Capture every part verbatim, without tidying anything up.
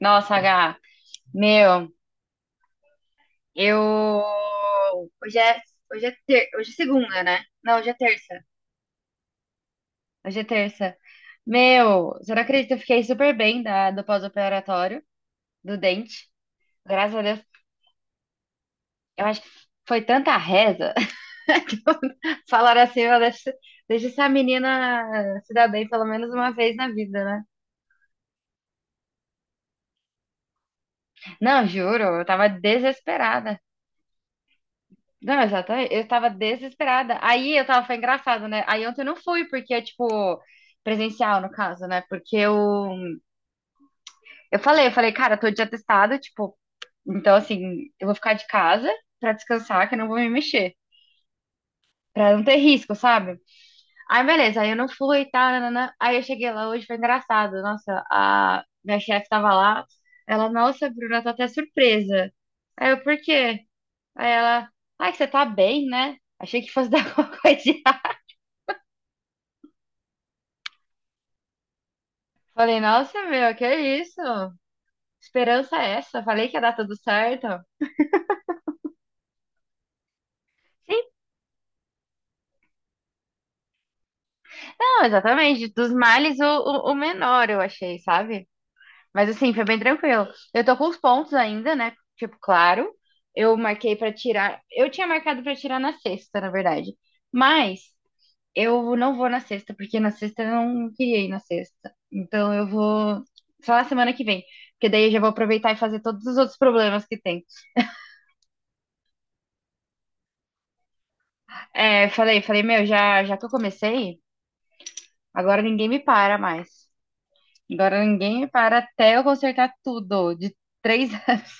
Nossa, H, meu, eu. Hoje é, hoje é, ter... hoje é segunda, né? Não, hoje é terça. Hoje é terça. Meu, você não acredita, eu fiquei super bem da... do pós-operatório, do dente. Graças a Deus. Eu acho que foi tanta reza. que Falaram assim, "Ó, deixa... deixa essa menina se dar bem pelo menos uma vez na vida, né? Não, juro, eu tava desesperada. Não, exatamente. Eu tava desesperada. Aí eu tava, foi engraçado, né? Aí ontem eu não fui, porque, é tipo, presencial, no caso, né? Porque eu, eu falei, eu falei, cara, eu tô de atestado, tipo, então, assim, eu vou ficar de casa pra descansar, que eu não vou me mexer, pra não ter risco, sabe? Aí, beleza, aí eu não fui e tal, nananã. Aí eu cheguei lá hoje, foi engraçado. Nossa, a minha chefe tava lá, ela, nossa, Bruna, eu tô até surpresa. Aí eu, por quê? Aí ela, ai, que você tá bem, né? Achei que fosse dar alguma coisa. Falei, nossa, meu, que é isso? Esperança é essa? Falei que ia dar tudo certo. Sim, não, exatamente. Dos males, o, o, o menor, eu achei, sabe? Mas assim, foi bem tranquilo. Eu tô com os pontos ainda, né? Tipo, claro. Eu marquei pra tirar. Eu tinha marcado pra tirar na sexta, na verdade. Mas eu não vou na sexta, porque na sexta eu não queria ir na sexta. Então eu vou só na semana que vem. Porque daí eu já vou aproveitar e fazer todos os outros problemas que tem. É, falei, falei, meu, já, já que eu comecei. Agora ninguém me para mais. Agora ninguém me para até eu consertar tudo. De três anos.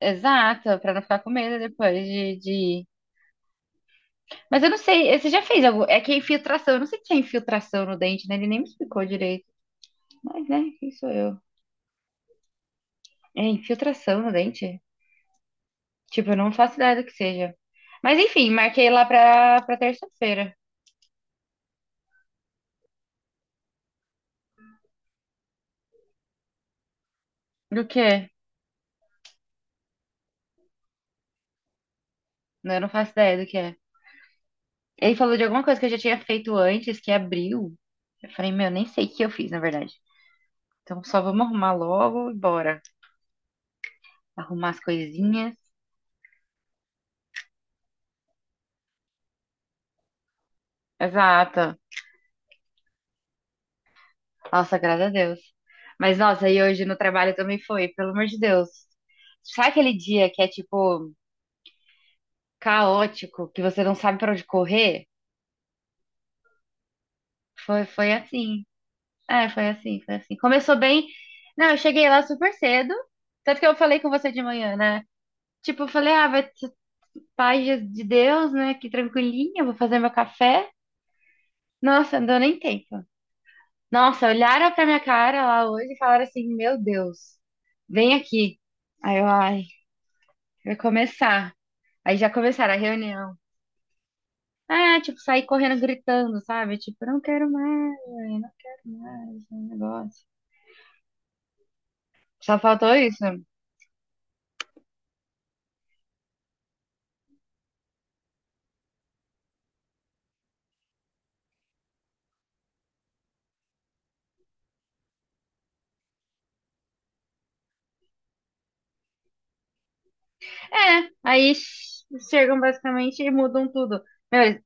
Exato, pra não ficar com medo depois de, de... Mas eu não sei, eh, você já fez algo? É que é infiltração, eu não sei se é infiltração no dente, né? Ele nem me explicou direito. Mas, né, quem sou eu? É infiltração no dente? Tipo, eu não faço ideia do que seja. Mas enfim, marquei lá pra, pra terça-feira. Do que é? Não, eu não faço ideia do que é. Ele falou de alguma coisa que eu já tinha feito antes, que abriu. Eu falei, meu, nem sei o que eu fiz, na verdade. Então só vamos arrumar logo e bora. Arrumar as coisinhas. Exato. Nossa, graças a Deus. Mas nossa, e hoje no trabalho também foi, pelo amor de Deus. Sabe aquele dia que é tipo caótico, que você não sabe pra onde correr? Foi, foi assim. É, foi assim, foi assim. Começou bem. Não, eu cheguei lá super cedo. Tanto que eu falei com você de manhã, né? Tipo, eu falei, ah, vai ter paz de Deus, né? Que tranquilinha, vou fazer meu café. Nossa, não deu nem tempo. Nossa, olharam pra minha cara lá hoje e falaram assim: Meu Deus, vem aqui. Aí eu, ai, vai começar. Aí já começaram a reunião. Ah, tipo, saí correndo gritando, sabe? Tipo, não quero mais, não quero mais, esse negócio. Só faltou isso. É, aí ch- chegam basicamente e mudam tudo. Meu, eles-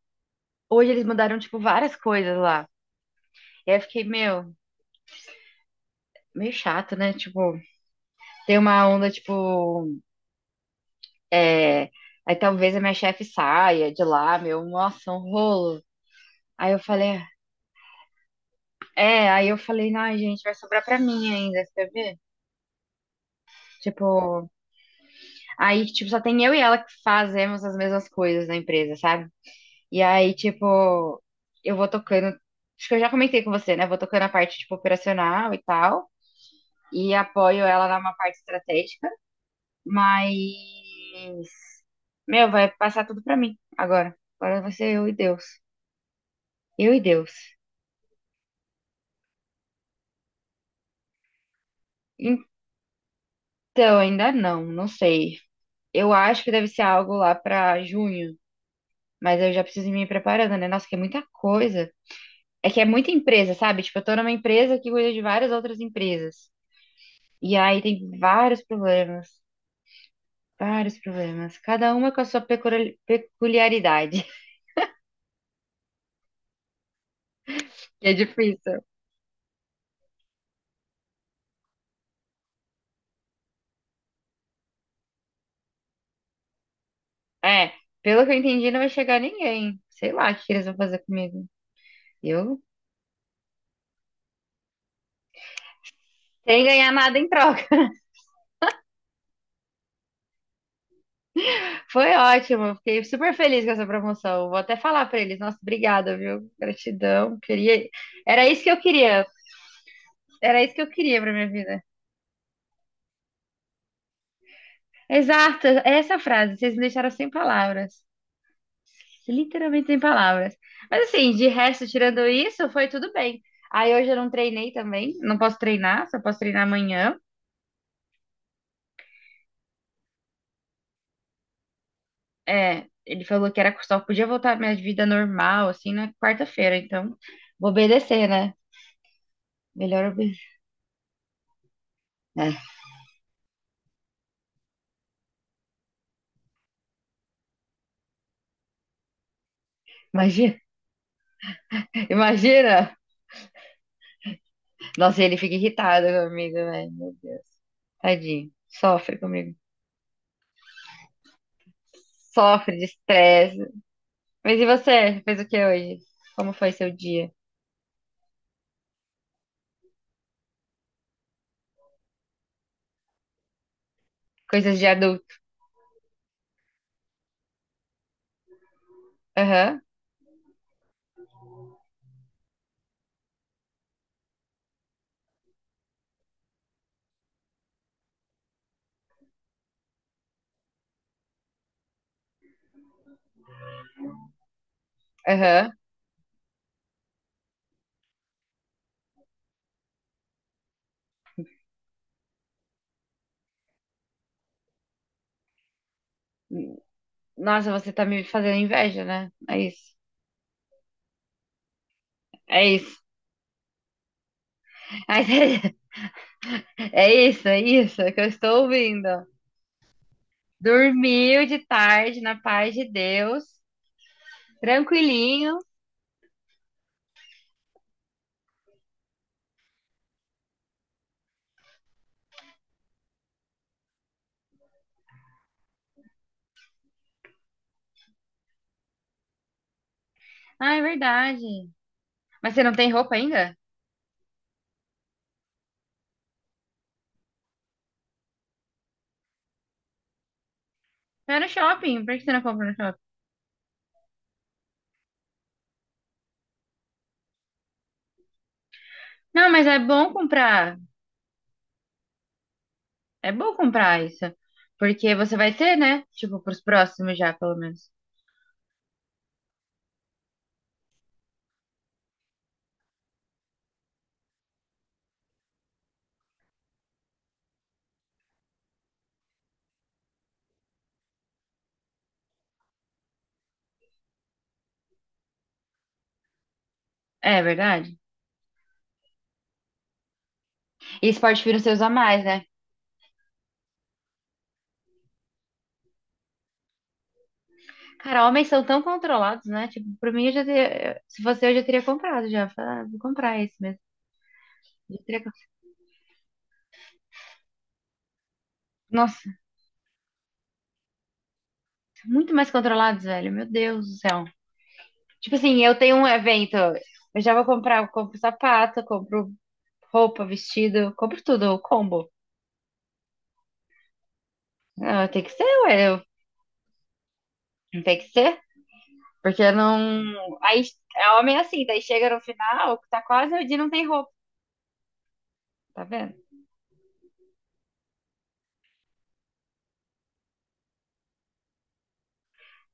hoje eles mudaram, tipo, várias coisas lá. E aí eu fiquei, meu, meio chato, né? Tipo, tem uma onda, tipo. É, aí talvez a minha chefe saia de lá, meu, nossa, um rolo. Aí eu falei, é, aí eu falei, ai, gente, vai sobrar pra mim ainda, você quer ver? Tipo, aí, tipo, só tem eu e ela que fazemos as mesmas coisas na empresa, sabe? E aí, tipo, eu vou tocando, acho que eu já comentei com você, né? Vou tocando a parte, tipo, operacional e tal, e apoio ela na uma parte estratégica, mas, meu, vai passar tudo pra mim agora. Agora vai ser eu e Deus. Eu e Deus. Então, ainda não, não sei. Eu acho que deve ser algo lá pra junho, mas eu já preciso ir me preparando, né? Nossa, que é muita coisa. É que é muita empresa, sabe? Tipo, eu tô numa empresa que cuida de várias outras empresas. E aí tem vários problemas, vários problemas. Cada uma com a sua peculi- peculiaridade, que é difícil. É, pelo que eu entendi, não vai chegar ninguém. Sei lá o que que eles vão fazer comigo. Eu, sem ganhar nada em troca. Foi ótimo, eu fiquei super feliz com essa promoção. Vou até falar pra eles, nossa, obrigada, viu? Gratidão. Queria, era isso que eu queria. Era isso que eu queria pra minha vida. Exato, essa frase, vocês me deixaram sem palavras. Literalmente sem palavras. Mas assim, de resto, tirando isso, foi tudo bem. Aí hoje eu não treinei também, não posso treinar, só posso treinar amanhã. É, ele falou que era só podia voltar à minha vida normal assim na quarta-feira, então vou obedecer, né? Melhor obedecer. É, imagina, imagina. Nossa, ele fica irritado comigo, velho. Meu Deus. Tadinho. Sofre comigo. Sofre de estresse. Mas e você? Fez o que hoje? Como foi seu dia? Coisas de adulto. Aham, aham. Nossa, você tá me fazendo inveja, né? É isso. É isso. Ai, é isso, é isso que eu estou ouvindo. Dormiu de tarde, na paz de Deus. Tranquilinho. Ah, é verdade. Mas você não tem roupa ainda? Vai no shopping. Por que você não compra no shopping? Não, mas é bom comprar. É bom comprar isso. Porque você vai ter, né? Tipo, pros próximos já, pelo menos. É verdade. E esporte fino você usa mais, né? Cara, homens são tão controlados, né? Tipo, pra mim, eu já teria... Se fosse eu, já teria comprado já. Falar, ah, vou comprar esse mesmo. Já teria co- Nossa, muito mais controlados, velho. Meu Deus do céu. Tipo assim, eu tenho um evento. Eu já vou comprar, eu compro sapato, compro roupa, vestido, compro tudo, o combo. Ah, tem que ser, ué. eu- Não tem que ser. Porque não. Aí é homem assim, daí chega no final, tá quase o dia não tem roupa, tá vendo?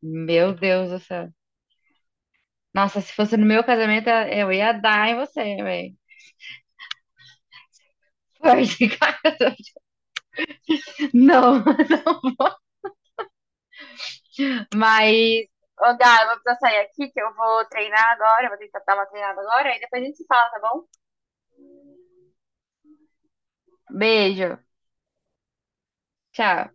Meu Deus do céu. Nossa, se fosse no meu casamento, eu ia dar em você, velho. Forte, cara. Não, mas. Ô, Gá, eu vou precisar sair aqui, que eu vou treinar agora, eu vou tentar dar uma treinada agora, aí depois a gente se fala, tá bom? Beijo. Tchau.